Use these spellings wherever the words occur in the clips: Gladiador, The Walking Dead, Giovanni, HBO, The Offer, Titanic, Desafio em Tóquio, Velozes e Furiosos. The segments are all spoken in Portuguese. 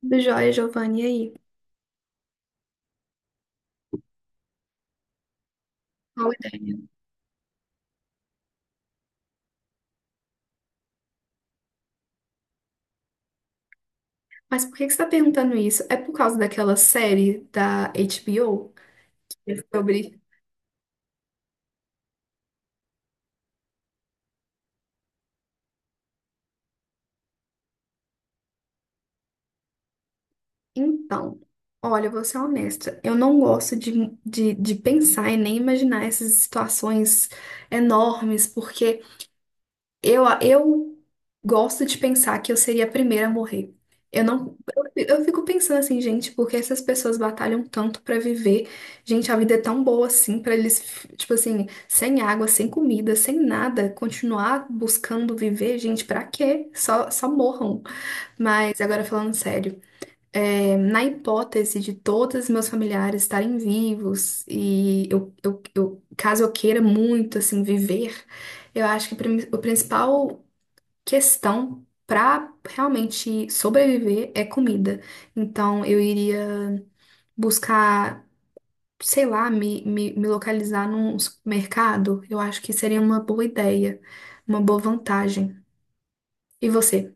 Tudo jóia, Giovanni, e aí? Qual a ideia? Mas por que que você está perguntando isso? É por causa daquela série da HBO sobre. Então, olha, eu vou ser honesta. Eu não gosto de pensar e nem imaginar essas situações enormes, porque eu gosto de pensar que eu seria a primeira a morrer. Eu não, eu fico pensando assim, gente, porque essas pessoas batalham tanto pra viver. Gente, a vida é tão boa assim pra eles, tipo assim, sem água, sem comida, sem nada, continuar buscando viver, gente, pra quê? Só, só morram. Mas agora falando sério, na hipótese de todos meus familiares estarem vivos e caso eu queira muito assim viver, eu acho que o principal questão para realmente sobreviver é comida. Então eu iria buscar, sei lá, me localizar num supermercado. Eu acho que seria uma boa ideia, uma boa vantagem. E você?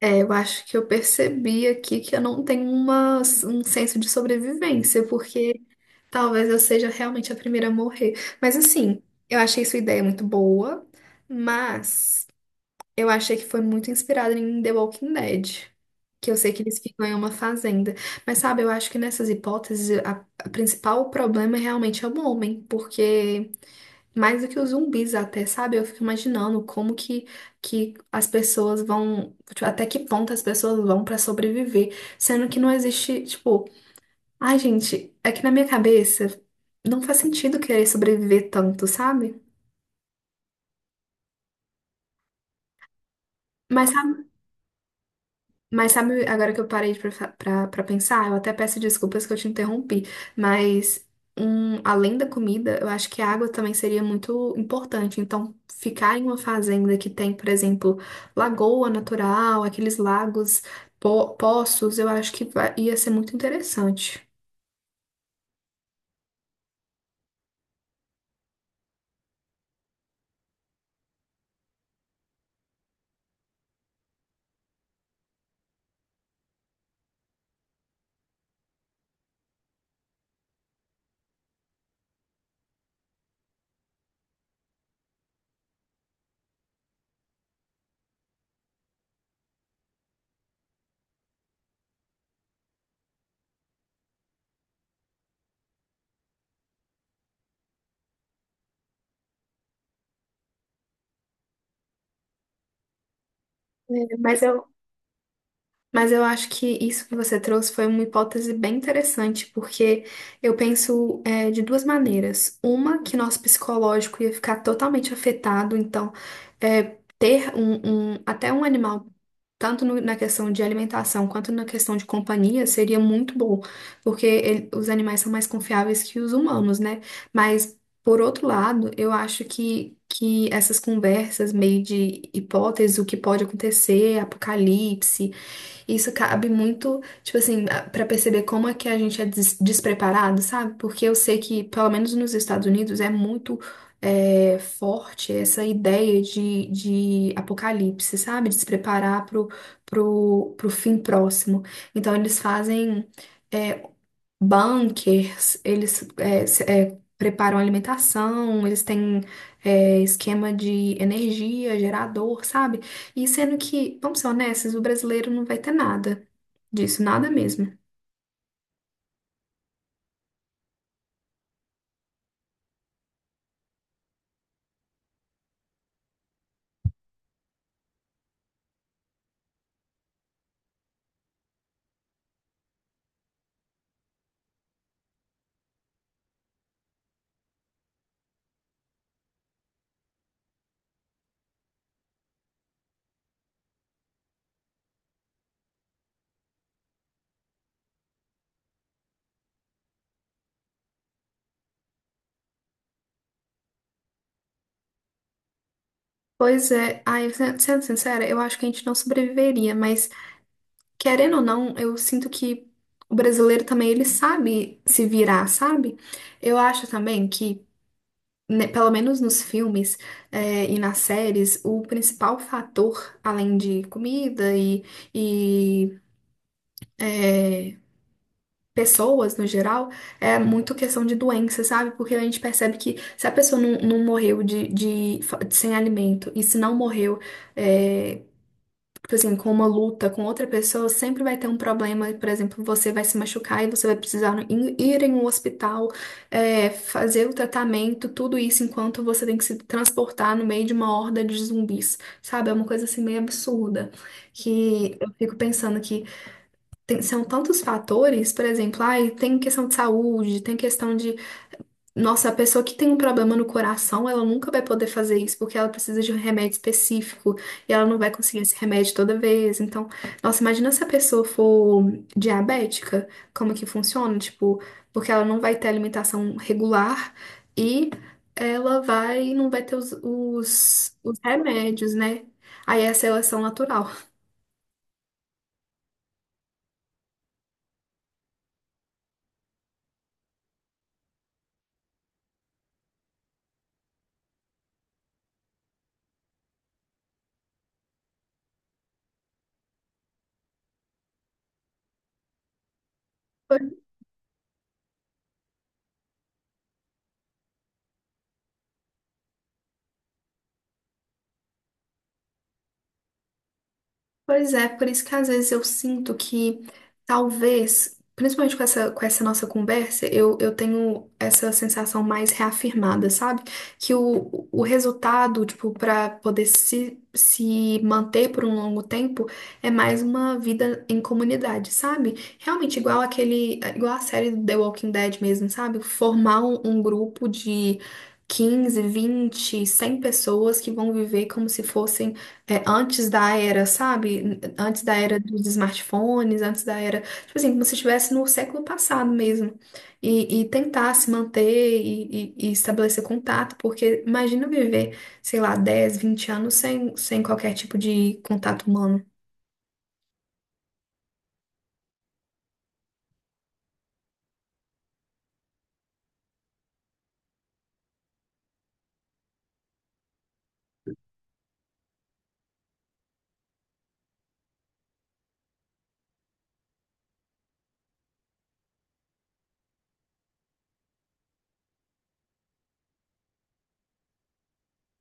É, eu acho que eu percebi aqui que eu não tenho uma, um senso de sobrevivência, porque talvez eu seja realmente a primeira a morrer. Mas assim, eu achei sua ideia muito boa, mas. Eu achei que foi muito inspirado em The Walking Dead, que eu sei que eles ficam em uma fazenda. Mas sabe, eu acho que nessas hipóteses, a principal problema realmente é o homem, porque mais do que os zumbis até, sabe? Eu fico imaginando como que as pessoas vão, tipo, até que ponto as pessoas vão pra sobreviver, sendo que não existe, tipo, ai, gente, é que na minha cabeça não faz sentido querer sobreviver tanto, sabe? Mas sabe Mas sabe, agora que eu parei pra pensar, eu até peço desculpas que eu te interrompi, mas além da comida, eu acho que a água também seria muito importante. Então, ficar em uma fazenda que tem, por exemplo, lagoa natural, aqueles lagos, po poços, eu acho que ia ser muito interessante. É, Mas eu, Mas eu acho que isso que você trouxe foi uma hipótese bem interessante, porque eu penso é, de duas maneiras. Uma, que nosso psicológico ia ficar totalmente afetado, então é, ter até um animal, tanto na questão de alimentação quanto na questão de companhia, seria muito bom, porque ele- os animais são mais confiáveis que os humanos, né? Mas, por outro lado, eu acho que. Que essas conversas meio de hipóteses, o que pode acontecer, apocalipse, e isso cabe muito, tipo assim, a- pra perceber como é que a gente é des- despreparado, sabe? Porque eu sei que, pelo menos nos Estados Unidos, é muito forte essa ideia de apocalipse, sabe? De se preparar pro, pro fim próximo. Então, eles fazem. é, Bunkers, eles preparam alimentação, eles têm esquema de energia, gerador, sabe? E sendo que, vamos ser honestos, o brasileiro não vai ter nada disso, nada mesmo. Pois é, ai, sendo sincera, eu acho que a gente não sobreviveria, mas querendo ou não, eu sinto que o brasileiro também, ele sabe se virar, sabe? Eu acho também que né, pelo menos nos filmes, e nas séries, o principal fator, além de comida e, eh, pessoas no geral, é muito questão de doença, sabe? Porque a gente percebe que se a pessoa não morreu sem alimento e se não morreu, é, tipo assim, com uma luta com outra pessoa, sempre vai ter um problema. Por exemplo, você vai se machucar e você vai precisar ir em um hospital, fazer o tratamento, tudo isso enquanto você tem que se transportar no meio de uma horda de zumbis, sabe? É uma coisa assim meio absurda. Que eu fico pensando que são tantos fatores, por exemplo, ai, tem questão de saúde, tem questão de nossa, a pessoa que tem um problema no coração, ela nunca vai poder fazer isso, porque ela precisa de um remédio específico e ela não vai conseguir esse remédio toda vez. Então, nossa, imagina se a pessoa for diabética, como que funciona? Tipo, porque ela não vai ter alimentação regular e ela vai, não vai ter os remédios, né? Aí é a seleção natural. Pois é, por isso que às vezes eu sinto que talvez, principalmente com essa nossa conversa, eu tenho essa sensação mais reafirmada, sabe? Que o resultado, tipo, para poder se manter por um longo tempo, é mais uma vida em comunidade, sabe? Realmente igual aquele, igual a série do The Walking Dead mesmo, sabe? Formar um grupo de 15 20 100 pessoas que vão viver como se fossem antes da era, sabe? Antes da era dos smartphones, antes da era. Tipo assim, como se estivesse no século passado mesmo. E tentar se manter e estabelecer contato, porque imagina viver, sei lá, 10, 20 anos sem qualquer tipo de contato humano.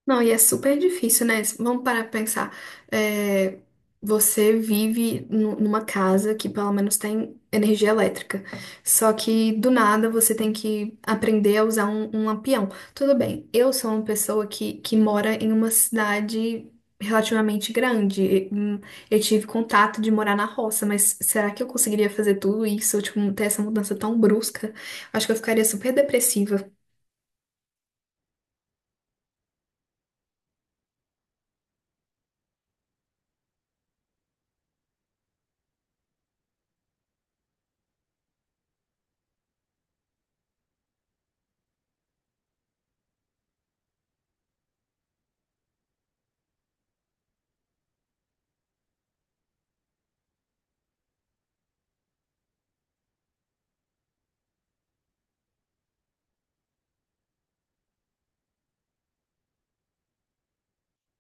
Não, e é super difícil, né? Vamos parar pra pensar. É, você vive numa casa que pelo menos tem energia elétrica. Só que do nada você tem que aprender a usar um lampião. Tudo bem, eu sou uma pessoa que mora em uma cidade relativamente grande. E, eu tive contato de morar na roça, mas será que eu conseguiria fazer tudo isso? Tipo, ter essa mudança tão brusca? Acho que eu ficaria super depressiva.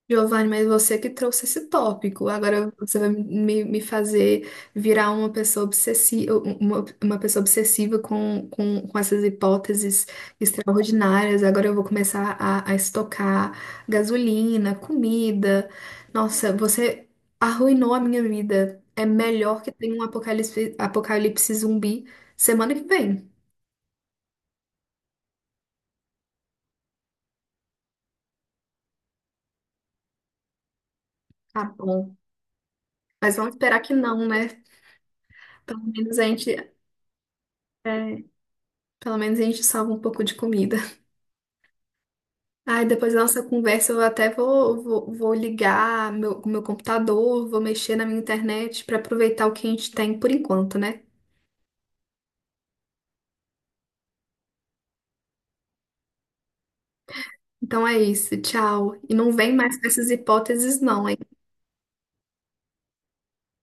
Giovanni, mas você que trouxe esse tópico. Agora você vai me fazer virar uma pessoa obsessiva, uma pessoa obsessiva com essas hipóteses extraordinárias. Agora eu vou começar a estocar gasolina, comida. Nossa, você arruinou a minha vida. É melhor que tenha um apocalipse, apocalipse zumbi semana que vem. Tá bom. Mas vamos esperar que não, né? Pelo menos a gente, é, pelo menos a gente salva um pouco de comida. Ai, depois da nossa conversa eu até vou ligar o meu computador, vou mexer na minha internet para aproveitar o que a gente tem por enquanto, né? Então é isso, tchau. E não vem mais com essas hipóteses, não, hein?